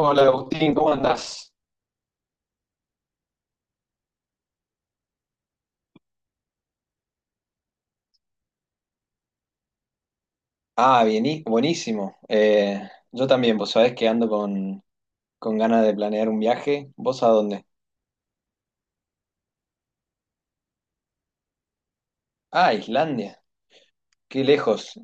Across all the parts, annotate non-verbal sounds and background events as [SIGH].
Hola Agustín, ¿cómo andás? Ah, bien, buenísimo. Yo también, vos sabés que ando con ganas de planear un viaje. ¿Vos a dónde? Ah, Islandia, qué lejos.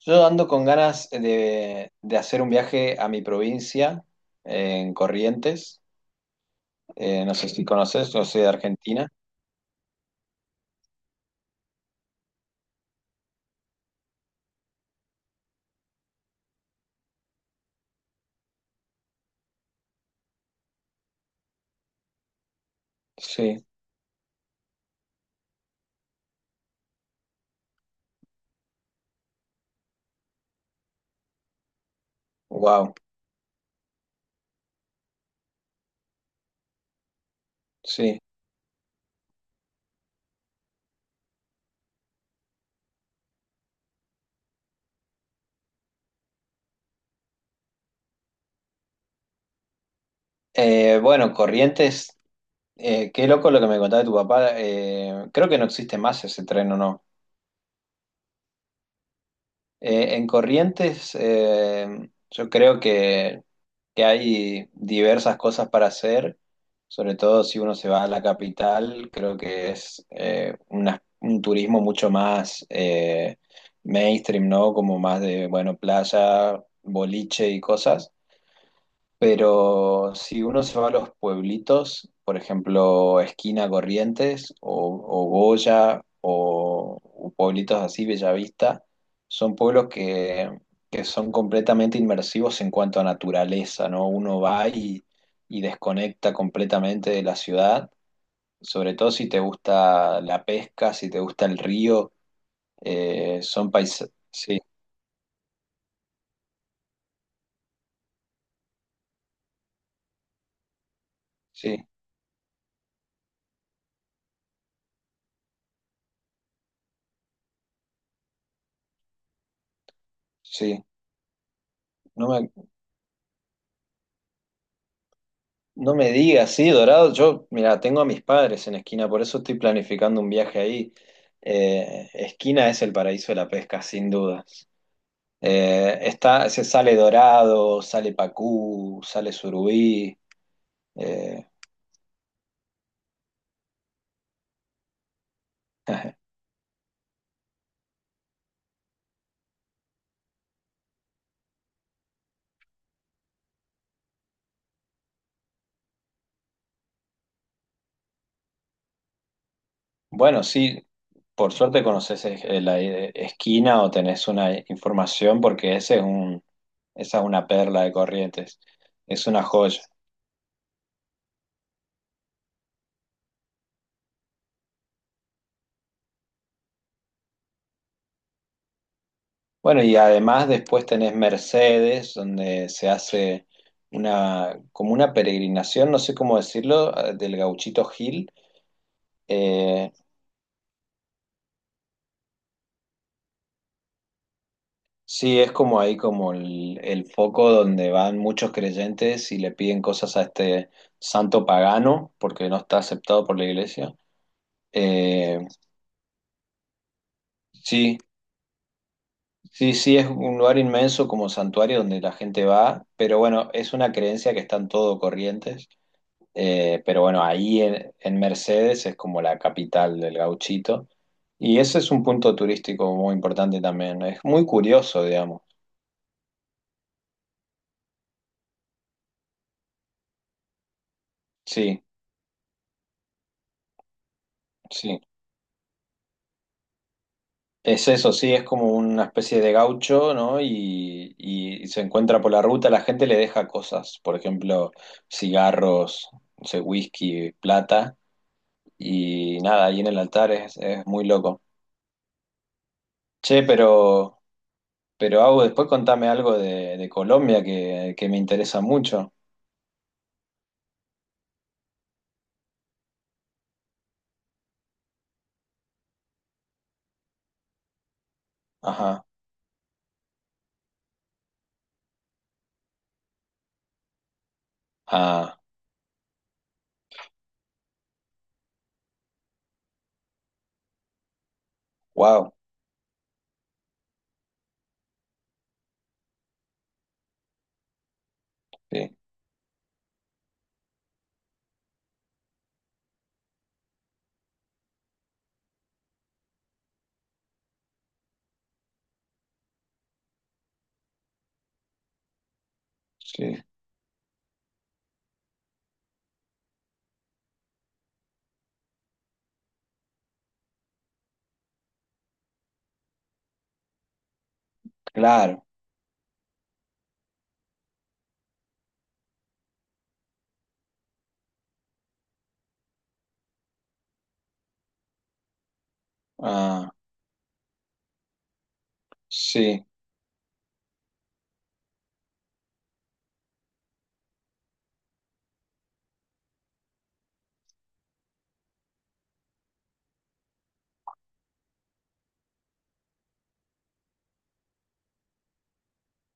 Yo ando con ganas de hacer un viaje a mi provincia, en Corrientes. No sé si conoces, yo soy de Argentina. Sí, wow, sí. Bueno, Corrientes, qué loco lo que me contaba de tu papá. Creo que no existe más ese tren, ¿o no? En Corrientes, yo creo que hay diversas cosas para hacer, sobre todo si uno se va a la capital, creo que es un turismo mucho más mainstream, ¿no? Como más de, bueno, playa, boliche y cosas. Pero si uno se va a los pueblitos, por ejemplo, Esquina Corrientes o Goya o pueblitos así, Bellavista, son pueblos que son completamente inmersivos en cuanto a naturaleza, ¿no? Uno y desconecta completamente de la ciudad, sobre todo si te gusta la pesca, si te gusta el río, son paisajes... Sí, sí, sí. No me No me digas, sí, Dorado. Yo, mira, tengo a mis padres en Esquina, por eso estoy planificando un viaje ahí. Esquina es el paraíso de la pesca, sin duda. Se sale Dorado, sale Pacú, sale Surubí. eh, [LAUGHS] bueno, sí, por suerte conoces la Esquina o tenés una información, porque esa es una perla de Corrientes. Es una joya. Bueno, y además después tenés Mercedes, donde se hace una, como una peregrinación, no sé cómo decirlo, del Gauchito Gil. Eh, sí, es como ahí como el foco donde van muchos creyentes y le piden cosas a este santo pagano, porque no está aceptado por la iglesia. Eh, sí, sí, es un lugar inmenso como santuario donde la gente va, pero bueno, es una creencia que está en todo Corrientes. Pero bueno, ahí en Mercedes es como la capital del gauchito. Y ese es un punto turístico muy importante también. Es muy curioso, digamos. Sí, sí. Es eso, sí, es como una especie de gaucho, ¿no? Y se encuentra por la ruta, la gente le deja cosas, por ejemplo, cigarros, no sé, whisky, plata, y nada, ahí en el altar es muy loco. Che, pero Au, después contame algo de Colombia que me interesa mucho. Ajá. Ah, wow. Sí, sí, claro. Ah, sí,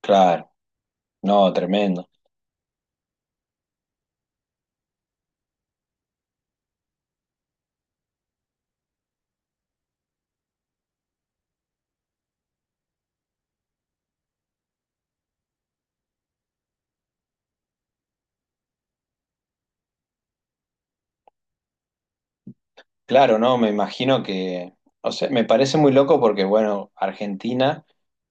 claro. No, tremendo. Claro, no, o sea, me parece muy loco porque, bueno, Argentina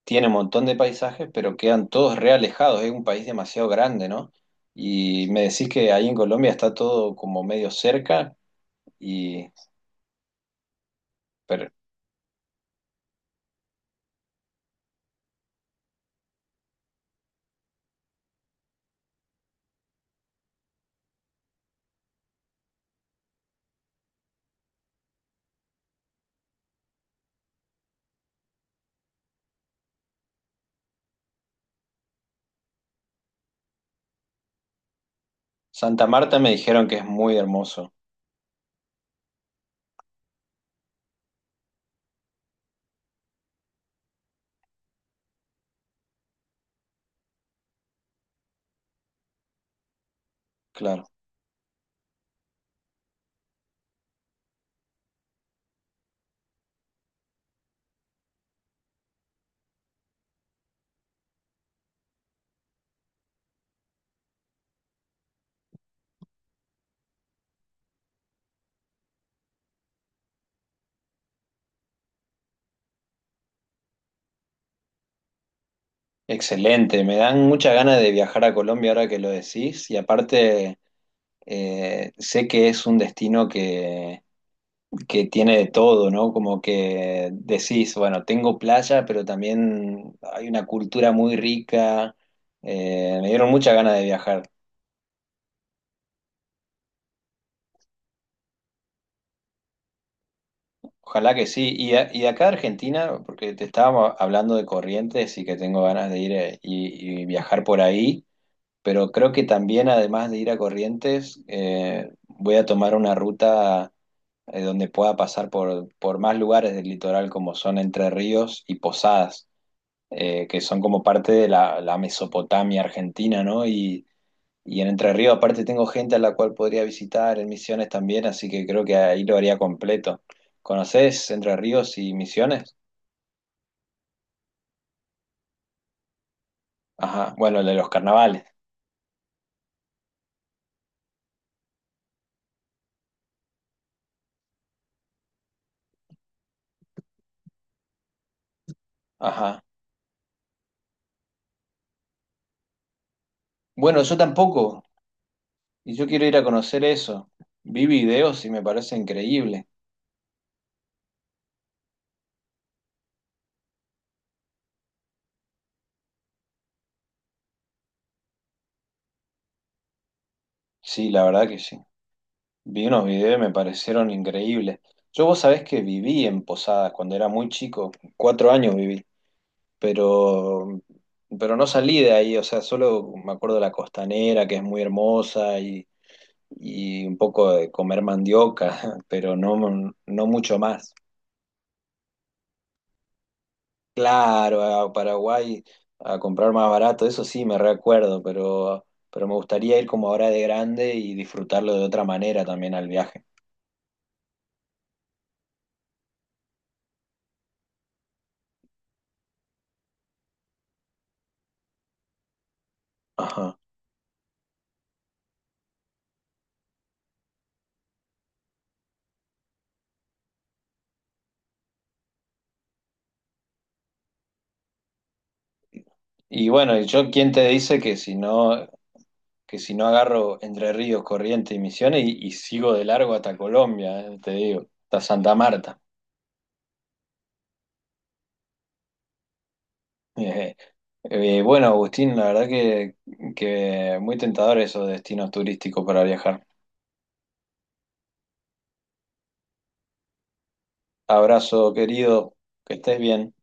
tiene un montón de paisajes, pero quedan todos re alejados. Es un país demasiado grande, ¿no? Y me decís que ahí en Colombia está todo como medio cerca y, pero Santa Marta me dijeron que es muy hermoso. Claro. Excelente, me dan muchas ganas de viajar a Colombia ahora que lo decís y aparte eh, sé que es un destino que tiene de todo, ¿no? Como que decís, bueno, tengo playa, pero también hay una cultura muy rica, me dieron muchas ganas de viajar, ojalá que sí. Y de acá de Argentina, porque te estábamos hablando de Corrientes y que tengo ganas de ir y viajar por ahí. Pero creo que también, además de ir a Corrientes, voy a tomar una ruta donde pueda pasar por más lugares del litoral, como son Entre Ríos y Posadas, que son como parte de la Mesopotamia argentina, ¿no? Y en Entre Ríos, aparte, tengo gente a la cual podría visitar, en Misiones también, así que creo que ahí lo haría completo. ¿Conocés Entre Ríos y Misiones? Ajá, bueno, el de los carnavales. Ajá. Bueno, yo tampoco. Y yo quiero ir a conocer eso. Vi videos y me parece increíble. Sí, la verdad que sí. Vi unos videos y me parecieron increíbles. Yo vos sabés que viví en Posadas cuando era muy chico, 4 años viví, pero, pero no salí de ahí, o sea, solo me acuerdo de la costanera, que es muy hermosa, y un poco de comer mandioca, [LAUGHS] pero no, no mucho más. Claro, a Paraguay a comprar más barato, eso sí me recuerdo, pero me gustaría ir como ahora de grande y disfrutarlo de otra manera también al viaje. Ajá. Y bueno, y yo, ¿quién te dice que si no agarro Entre Ríos, Corrientes y Misiones y sigo de largo hasta Colombia, te digo, ¿hasta Santa Marta? [LAUGHS] Bueno, Agustín, que muy tentador esos destinos turísticos para viajar. Abrazo, querido, que estés bien.